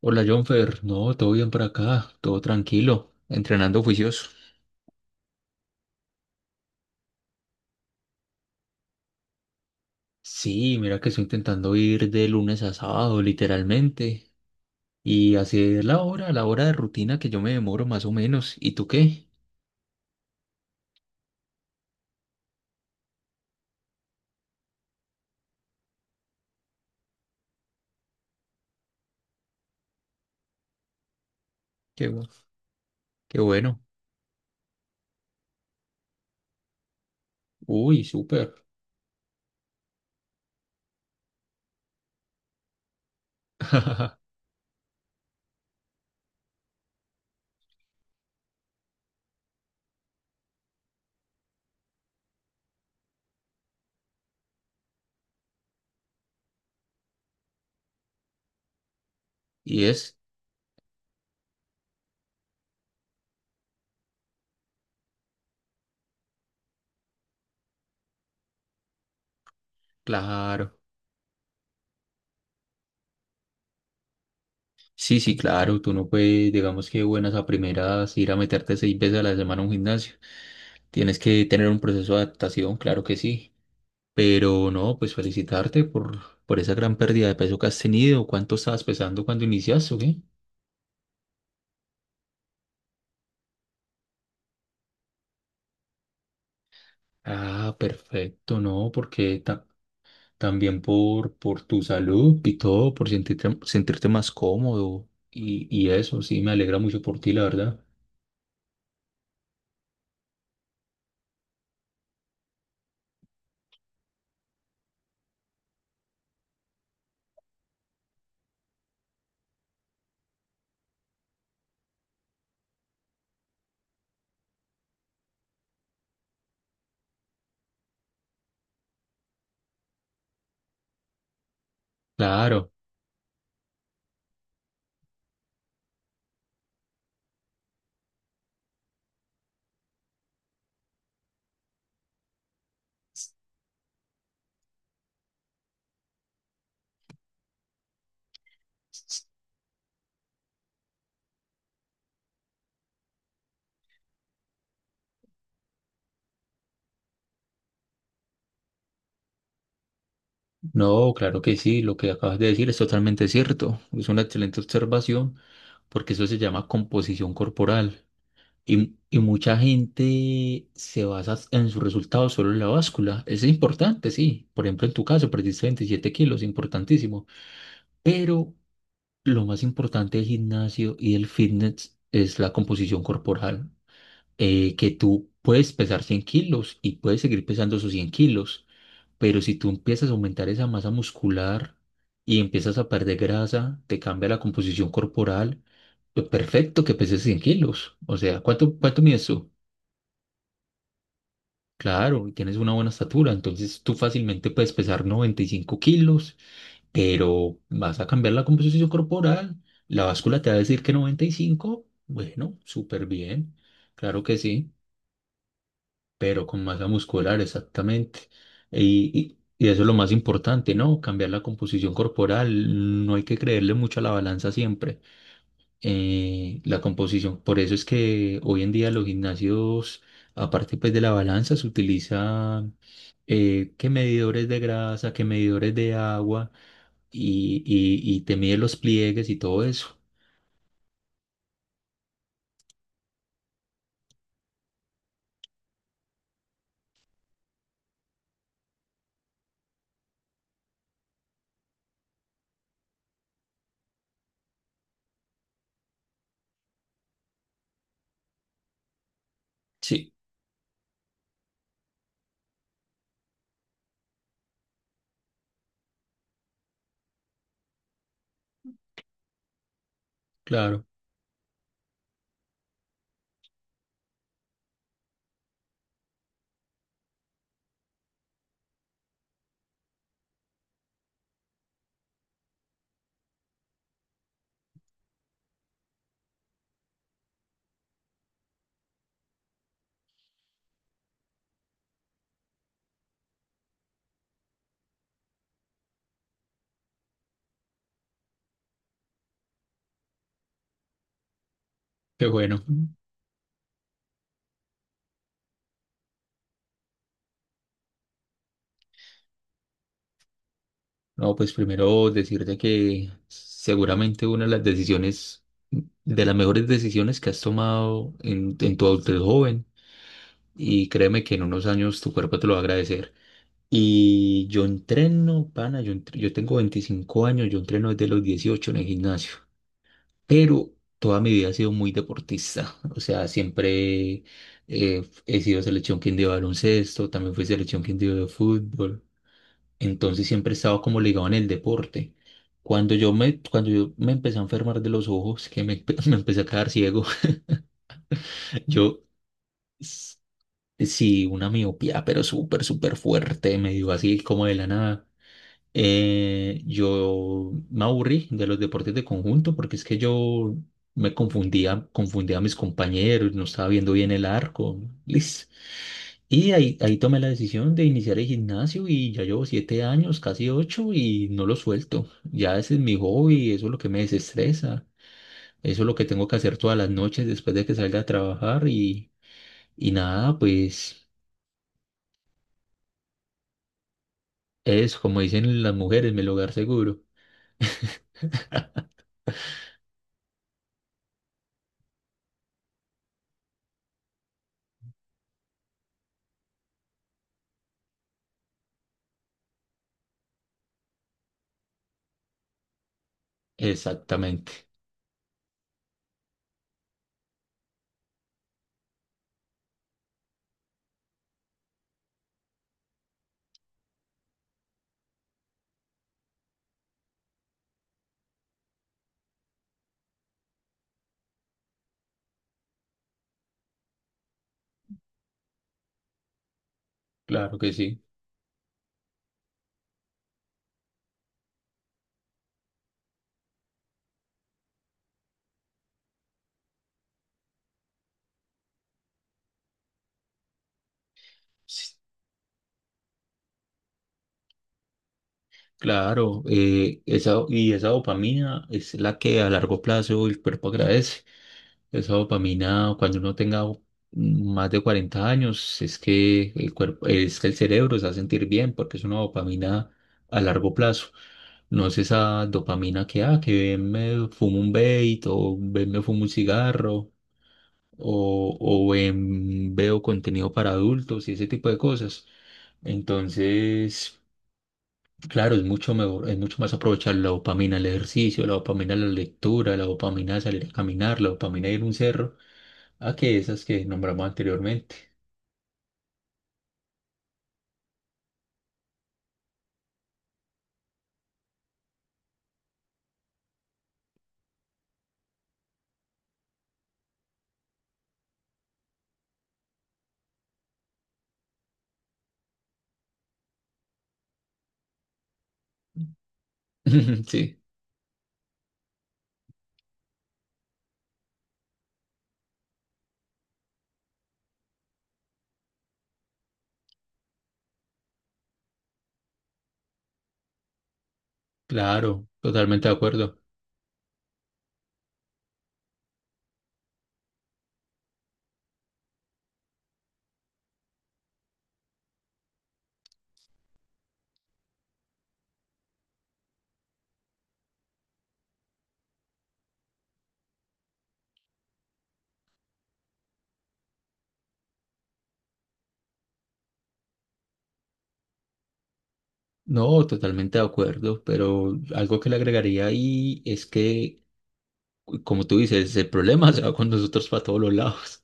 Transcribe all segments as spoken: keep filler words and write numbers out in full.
Hola Jonfer, no, todo bien por acá, todo tranquilo, entrenando juicioso. Sí, mira que estoy intentando ir de lunes a sábado, literalmente, y hacer la hora, la hora de rutina que yo me demoro más o menos. ¿Y tú qué? Qué, bu- qué bueno. Uy, súper. Y es, claro. Sí, sí, claro, tú no puedes, digamos que buenas a primeras, ir a meterte seis veces a la semana a un gimnasio. Tienes que tener un proceso de adaptación, claro que sí. Pero no, pues felicitarte por, por, esa gran pérdida de peso que has tenido. ¿Cuánto estabas pesando cuando iniciaste o qué? Ah, perfecto, no, porque ta- también por, por tu salud y todo, por sentirte, sentirte más cómodo y, y eso, sí, me alegra mucho por ti, la verdad. Claro, no, claro que sí, lo que acabas de decir es totalmente cierto. Es una excelente observación porque eso se llama composición corporal. Y, y mucha gente se basa en sus resultados solo en la báscula. Es importante, sí. Por ejemplo, en tu caso, perdiste veintisiete kilos, importantísimo. Pero lo más importante del gimnasio y del fitness es la composición corporal. Eh, que tú puedes pesar cien kilos y puedes seguir pesando esos cien kilos. Pero si tú empiezas a aumentar esa masa muscular y empiezas a perder grasa, te cambia la composición corporal. Pues perfecto que peses cien kilos. O sea, ¿cuánto, cuánto mides tú? Claro, y tienes una buena estatura, entonces tú fácilmente puedes pesar 95 kilos, pero vas a cambiar la composición corporal, la báscula te va a decir que noventa y cinco, bueno, súper bien, claro que sí, pero con masa muscular, exactamente. Y, y, y eso es lo más importante, ¿no? Cambiar la composición corporal, no hay que creerle mucho a la balanza siempre. Eh, la composición, por eso es que hoy en día los gimnasios, aparte pues de la balanza, se utiliza eh, qué medidores de grasa, qué medidores de agua y, y, y te mide los pliegues y todo eso. Sí, claro, qué bueno. No, pues primero decirte que seguramente una de las decisiones, de las mejores decisiones que has tomado en, en tu adultez joven y créeme que en unos años tu cuerpo te lo va a agradecer. Y yo entreno, pana, yo, entre- yo tengo 25 años, yo entreno desde los dieciocho en el gimnasio. Pero toda mi vida he sido muy deportista. O sea, siempre eh, he sido selección Quindío de baloncesto, también fui selección Quindío de fútbol. Entonces siempre he estado como ligado en el deporte. Cuando yo me, cuando yo me empecé a enfermar de los ojos, que me, me empecé a quedar ciego, yo s- sí, una miopía, pero súper, súper fuerte, me dio así como de la nada. Eh, yo me aburrí de los deportes de conjunto porque es que yo me confundía, confundía a mis compañeros, no estaba viendo bien el arco, lis. Y ahí, ahí tomé la decisión de iniciar el gimnasio y ya llevo siete años, casi ocho, y no lo suelto. Ya ese es mi hobby, eso es lo que me desestresa, eso es lo que tengo que hacer todas las noches después de que salga a trabajar y, y nada, pues es como dicen las mujeres, mi lugar seguro. Exactamente, claro que sí. Sí, claro, eh, esa, y esa dopamina es la que a largo plazo el cuerpo agradece. Esa dopamina, cuando uno tenga más de cuarenta años, es que el cuerpo, es que el cerebro se va a sentir bien porque es una dopamina a largo plazo. No es esa dopamina que, ah, que ven, me fumo un vape o ven, me fumo un cigarro o, o ven, veo contenido para adultos y ese tipo de cosas. Entonces... Claro, es mucho mejor, es mucho más aprovechar la dopamina al ejercicio, la dopamina a la lectura, la dopamina a salir a caminar, la dopamina a ir a un cerro, a que esas que nombramos anteriormente. Sí, claro, totalmente de acuerdo. No, totalmente de acuerdo, pero algo que le agregaría ahí es que, como tú dices, el problema se va con nosotros para todos los lados.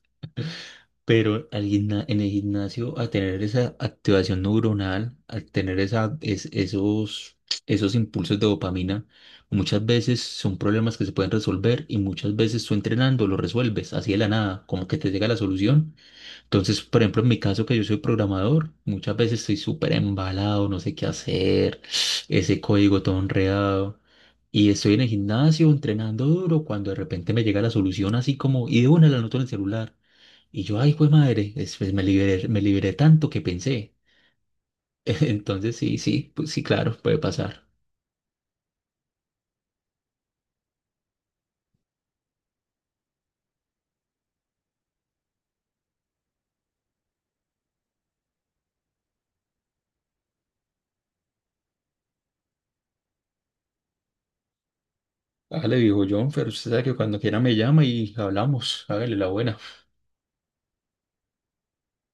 Pero al gimna- en el gimnasio, al tener esa activación neuronal, al tener esa, es- esos, esos impulsos de dopamina, muchas veces son problemas que se pueden resolver y muchas veces tú entrenando lo resuelves así de la nada, como que te llega la solución. Entonces, por ejemplo, en mi caso que yo soy programador, muchas veces estoy súper embalado, no sé qué hacer, ese código todo enredado. Y estoy en el gimnasio entrenando duro cuando de repente me llega la solución así como, y de una la anoto en el celular. Y yo, ay, pues madre, después me liberé, me liberé tanto que pensé. Entonces, sí, sí, pues sí, claro, puede pasar. Hágale, viejo John, pero usted sabe que cuando quiera me llama y hablamos. Hágale la buena.